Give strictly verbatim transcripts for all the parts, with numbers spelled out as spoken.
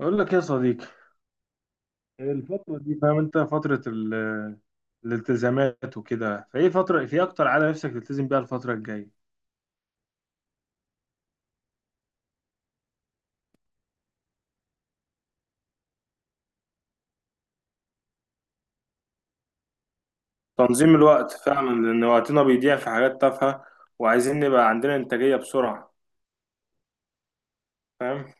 أقول لك يا صديقي، الفترة دي فاهم أنت، فترة ال- الالتزامات وكده، فإيه فترة في أكتر عادة نفسك تلتزم بيها الفترة الجاية؟ تنظيم الوقت فعلا، لأن وقتنا بيضيع في حاجات تافهة وعايزين نبقى عندنا إنتاجية بسرعة. فاهم.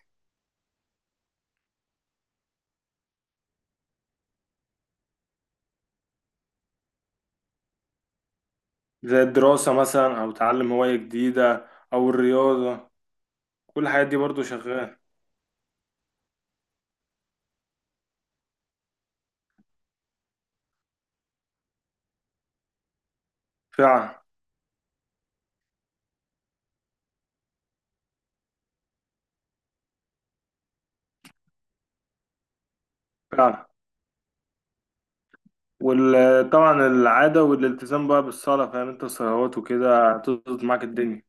زي الدراسة مثلا أو تعلم هواية جديدة أو الرياضة، كل الحاجات دي برضو شغالة. فعلا فعلا. وطبعا العادة والالتزام بقى بالصلاة، فاهم أنت، الصلوات وكده هتظبط معاك الدنيا.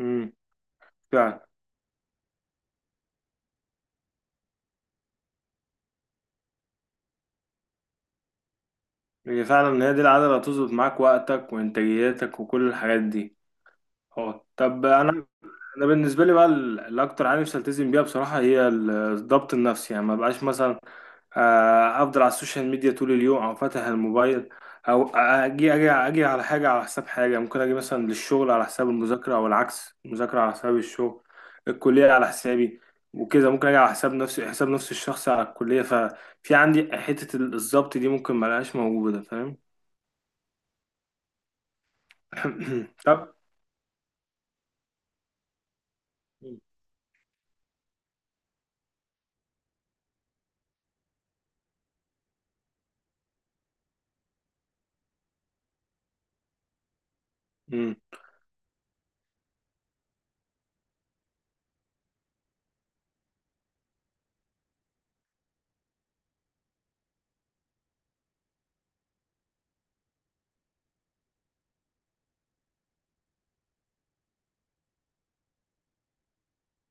امم. فعلا. هي فعلا ان هي دي العادة اللي هتظبط معاك وقتك وإنتاجيتك وكل الحاجات دي. اه، طب أنا أنا بالنسبة لي بقى ال- الأكتر حاجة نفسي ألتزم بيها بصراحة، هي ال- الضبط النفسي، يعني ما بقاش مثلا آه، أفضل على السوشيال ميديا طول اليوم، أو فاتح الموبايل، أو أجي أجي أجي على حاجة على حساب حاجة، ممكن أجي مثلا للشغل على حساب المذاكرة، أو العكس، المذاكرة على حساب الشغل، الكلية على حسابي، وكده ممكن أجي على حساب نفسي، حساب نفسي الشخصي على الكلية، ففي عندي حتة ال- الضبط دي، ممكن ملقاش موجودة، فاهم. طب مم.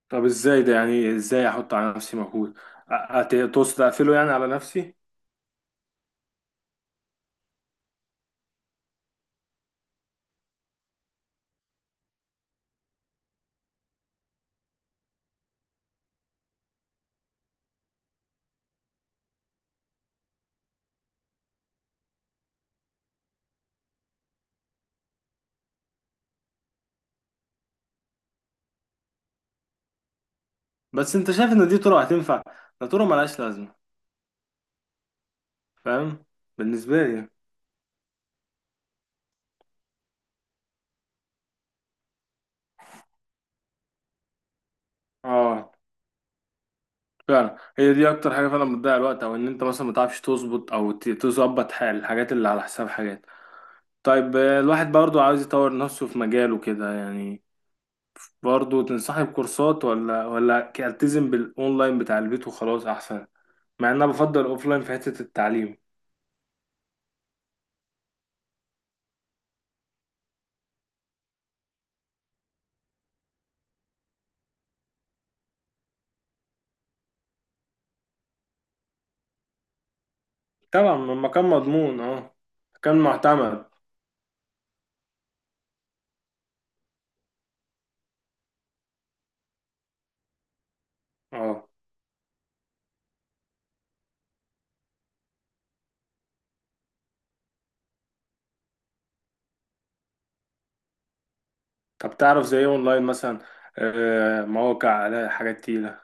طب، ازاي ده، يعني ازاي احط على نفسي مجهود، أ- أت- تقصد اقفله يعني على نفسي؟ بس انت شايف ان دي طرق هتنفع؟ ده طرق ملهاش لازمه، فاهم، بالنسبه لي. اه، فعلا هي دي اكتر حاجه فعلا بتضيع الوقت، او ان انت مثلا ما تعرفش تظبط، او ت- تظبط حال الحاجات اللي على حساب حاجات. طيب، آه، الواحد برضو عاوز يطور نفسه في مجاله كده يعني، برضو تنصحني بكورسات، ولا ولا التزم بالاونلاين بتاع البيت وخلاص احسن؟ مع ان انا بفضل الاوفلاين في حته التعليم. طبعا، لما كان مضمون، اه، كان معتمد، اه. طب تعرف زي ايه اونلاين مثلا؟ آه مواقع على حاجات تقيلة.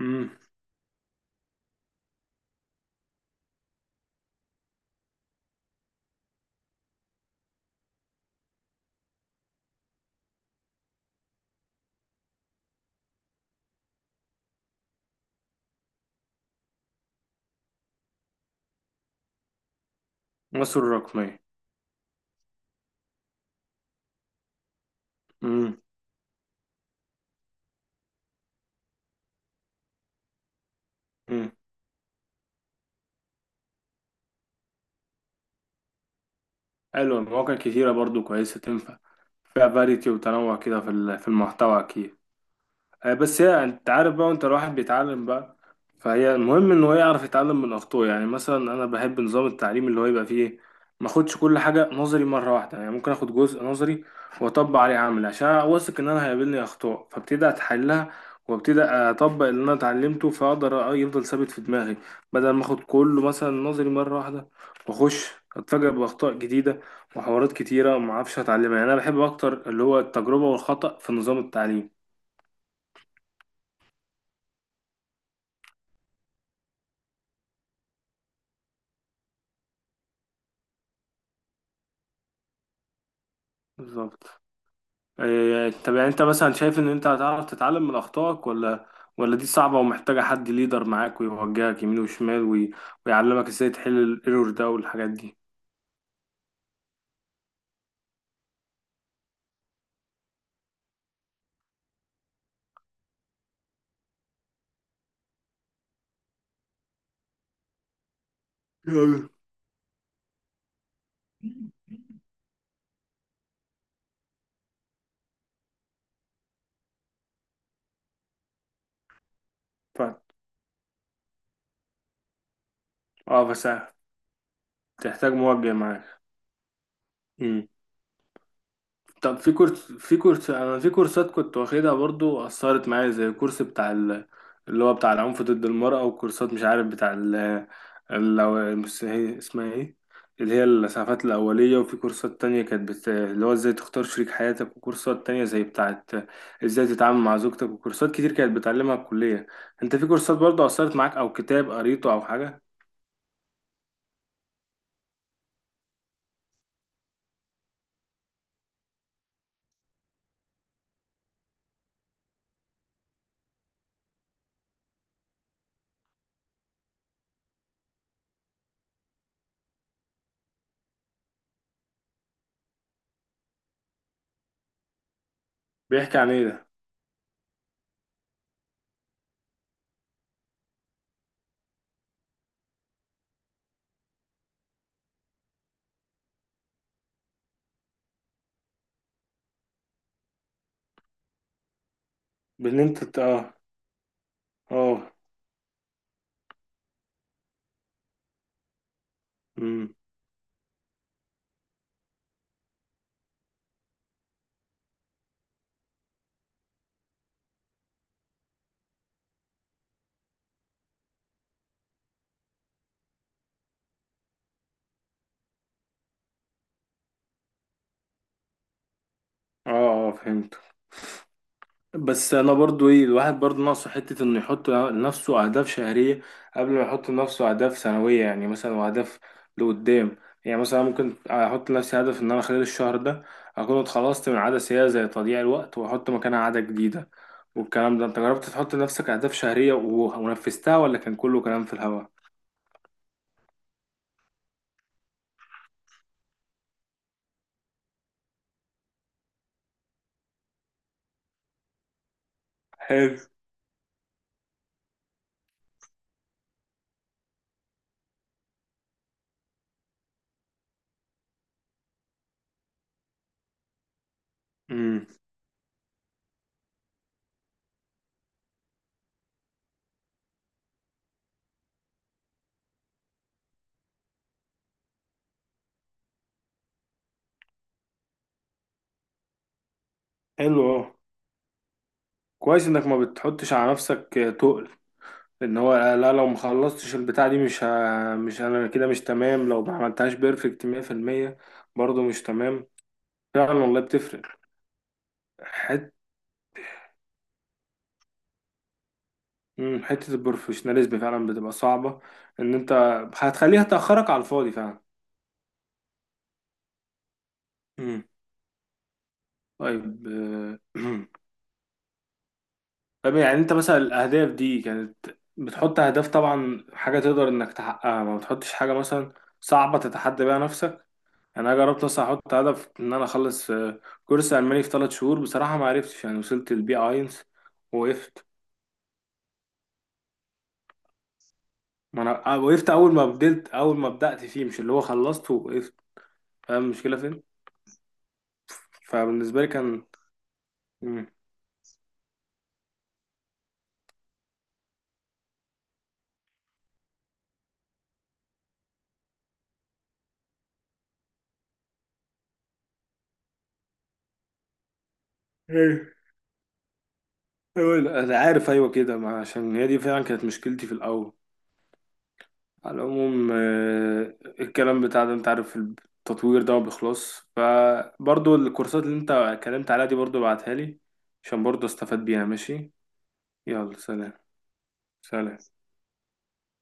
امم. مصر الرقمية. امم. امم. حلو، مواقع كتيرة برضو كويسة تنفع، فيها فاريتي وتنوع كده في ال- في المحتوى اكيد. آه، بس هي، انت عارف بقى، وانت الواحد بيتعلم بقى، فهي المهم ان هو يعرف يتعلم من اخطائه، يعني مثلا انا بحب نظام التعليم اللي هو يبقى فيه ما اخدش كل حاجه نظري مره واحده، يعني ممكن اخد جزء نظري واطبق عليه عملي، عشان واثق ان انا هيقابلني اخطاء فابتدي اتحلها، وابتدي اطبق اللي انا اتعلمته، فاقدر أ- يفضل ثابت في دماغي، بدل ما اخد كله مثلا نظري مره واحده، واخش اتفاجئ باخطاء جديده وحوارات كتيره وما اعرفش اتعلمها، يعني انا بحب اكتر اللي هو التجربه والخطأ في نظام التعليم. بالظبط. إيه، طب يعني انت مثلا شايف ان انت هتعرف تتعلم من اخطائك، ولا ولا دي صعبة ومحتاجة حد ليدر معاك ويوجهك يمين وشمال، وي... ويعلمك ازاي تحل الايرور ده والحاجات دي؟ يعني ف... اه، بس تحتاج موجه معاك. طب، في كورس في كورس انا في كورسات كنت واخدها برضو اثرت معايا، زي الكورس بتاع ال... اللي هو بتاع العنف ضد المرأة، وكورسات مش عارف بتاع ال... اللو... بس هي اسمها ايه، اللي هي الإسعافات الأولية، وفي كورسات تانية كانت بت... اللي هو ازاي تختار شريك حياتك، وكورسات تانية زي بتاعت ازاي تتعامل مع زوجتك، وكورسات كتير كانت بتعلمها الكلية. انت في كورسات برضو اثرت معاك او كتاب قريته او حاجة؟ بيحكي عن ايه ده؟ بان انت ت- اه، اه، امم، اه، اه، فهمت. بس انا برضو ايه، الواحد برضو ناقصه حته انه يحط لنفسه اهداف شهريه قبل ما يحط لنفسه اهداف سنويه، يعني مثلا، واهداف لقدام، يعني مثلا ممكن احط لنفسي هدف ان انا خلال الشهر ده اكون اتخلصت من عاده سيئه زي تضييع الوقت، واحط مكانها عاده جديده. والكلام ده، انت جربت تحط لنفسك اهداف شهريه و- ونفذتها، ولا كان كله كلام في الهوا؟ حلو. امم. حلو. اه، كويس انك ما بتحطش على نفسك تقل، ان هو، لا لو ما خلصتش البتاع دي مش ه... مش، انا كده مش تمام لو ما عملتهاش بيرفكت مية في المية، برضه مش تمام. فعلا والله بتفرق، حت... مم، حتة البروفيشناليزم فعلا بتبقى صعبة، ان انت هتخليها تأخرك على الفاضي فعلا. مم. طيب، آه، طيب يعني انت مثلا الاهداف دي كانت، بتحط اهداف طبعا حاجة تقدر انك تحققها، ما بتحطش حاجة مثلا صعبة تتحدى بيها. انا جربت اصلا احط هدف ان انا اخلص آه، كورس الماني في ثلاث شهور، بصراحه ما عرفتش، يعني وصلت البي اينس، وقفت. ما انا آه، وقفت، اول ما بدلت اول ما بدات فيه، مش اللي هو خلصت ووقفت، فاهم المشكله فين؟ فبالنسبه لي كان. مم. ايه. أيوة، لا، انا عارف، ايوه كده، ما عشان هي دي فعلا كانت مشكلتي في الاول. على العموم، آه، الكلام بتاع ده، انت عارف التطوير ده ما بيخلصش، فبرضو الكورسات اللي انت اتكلمت عليها دي برضو ابعتها لي، عشان برضو استفاد بيها، ماشي؟ يلا، سلام. سلام.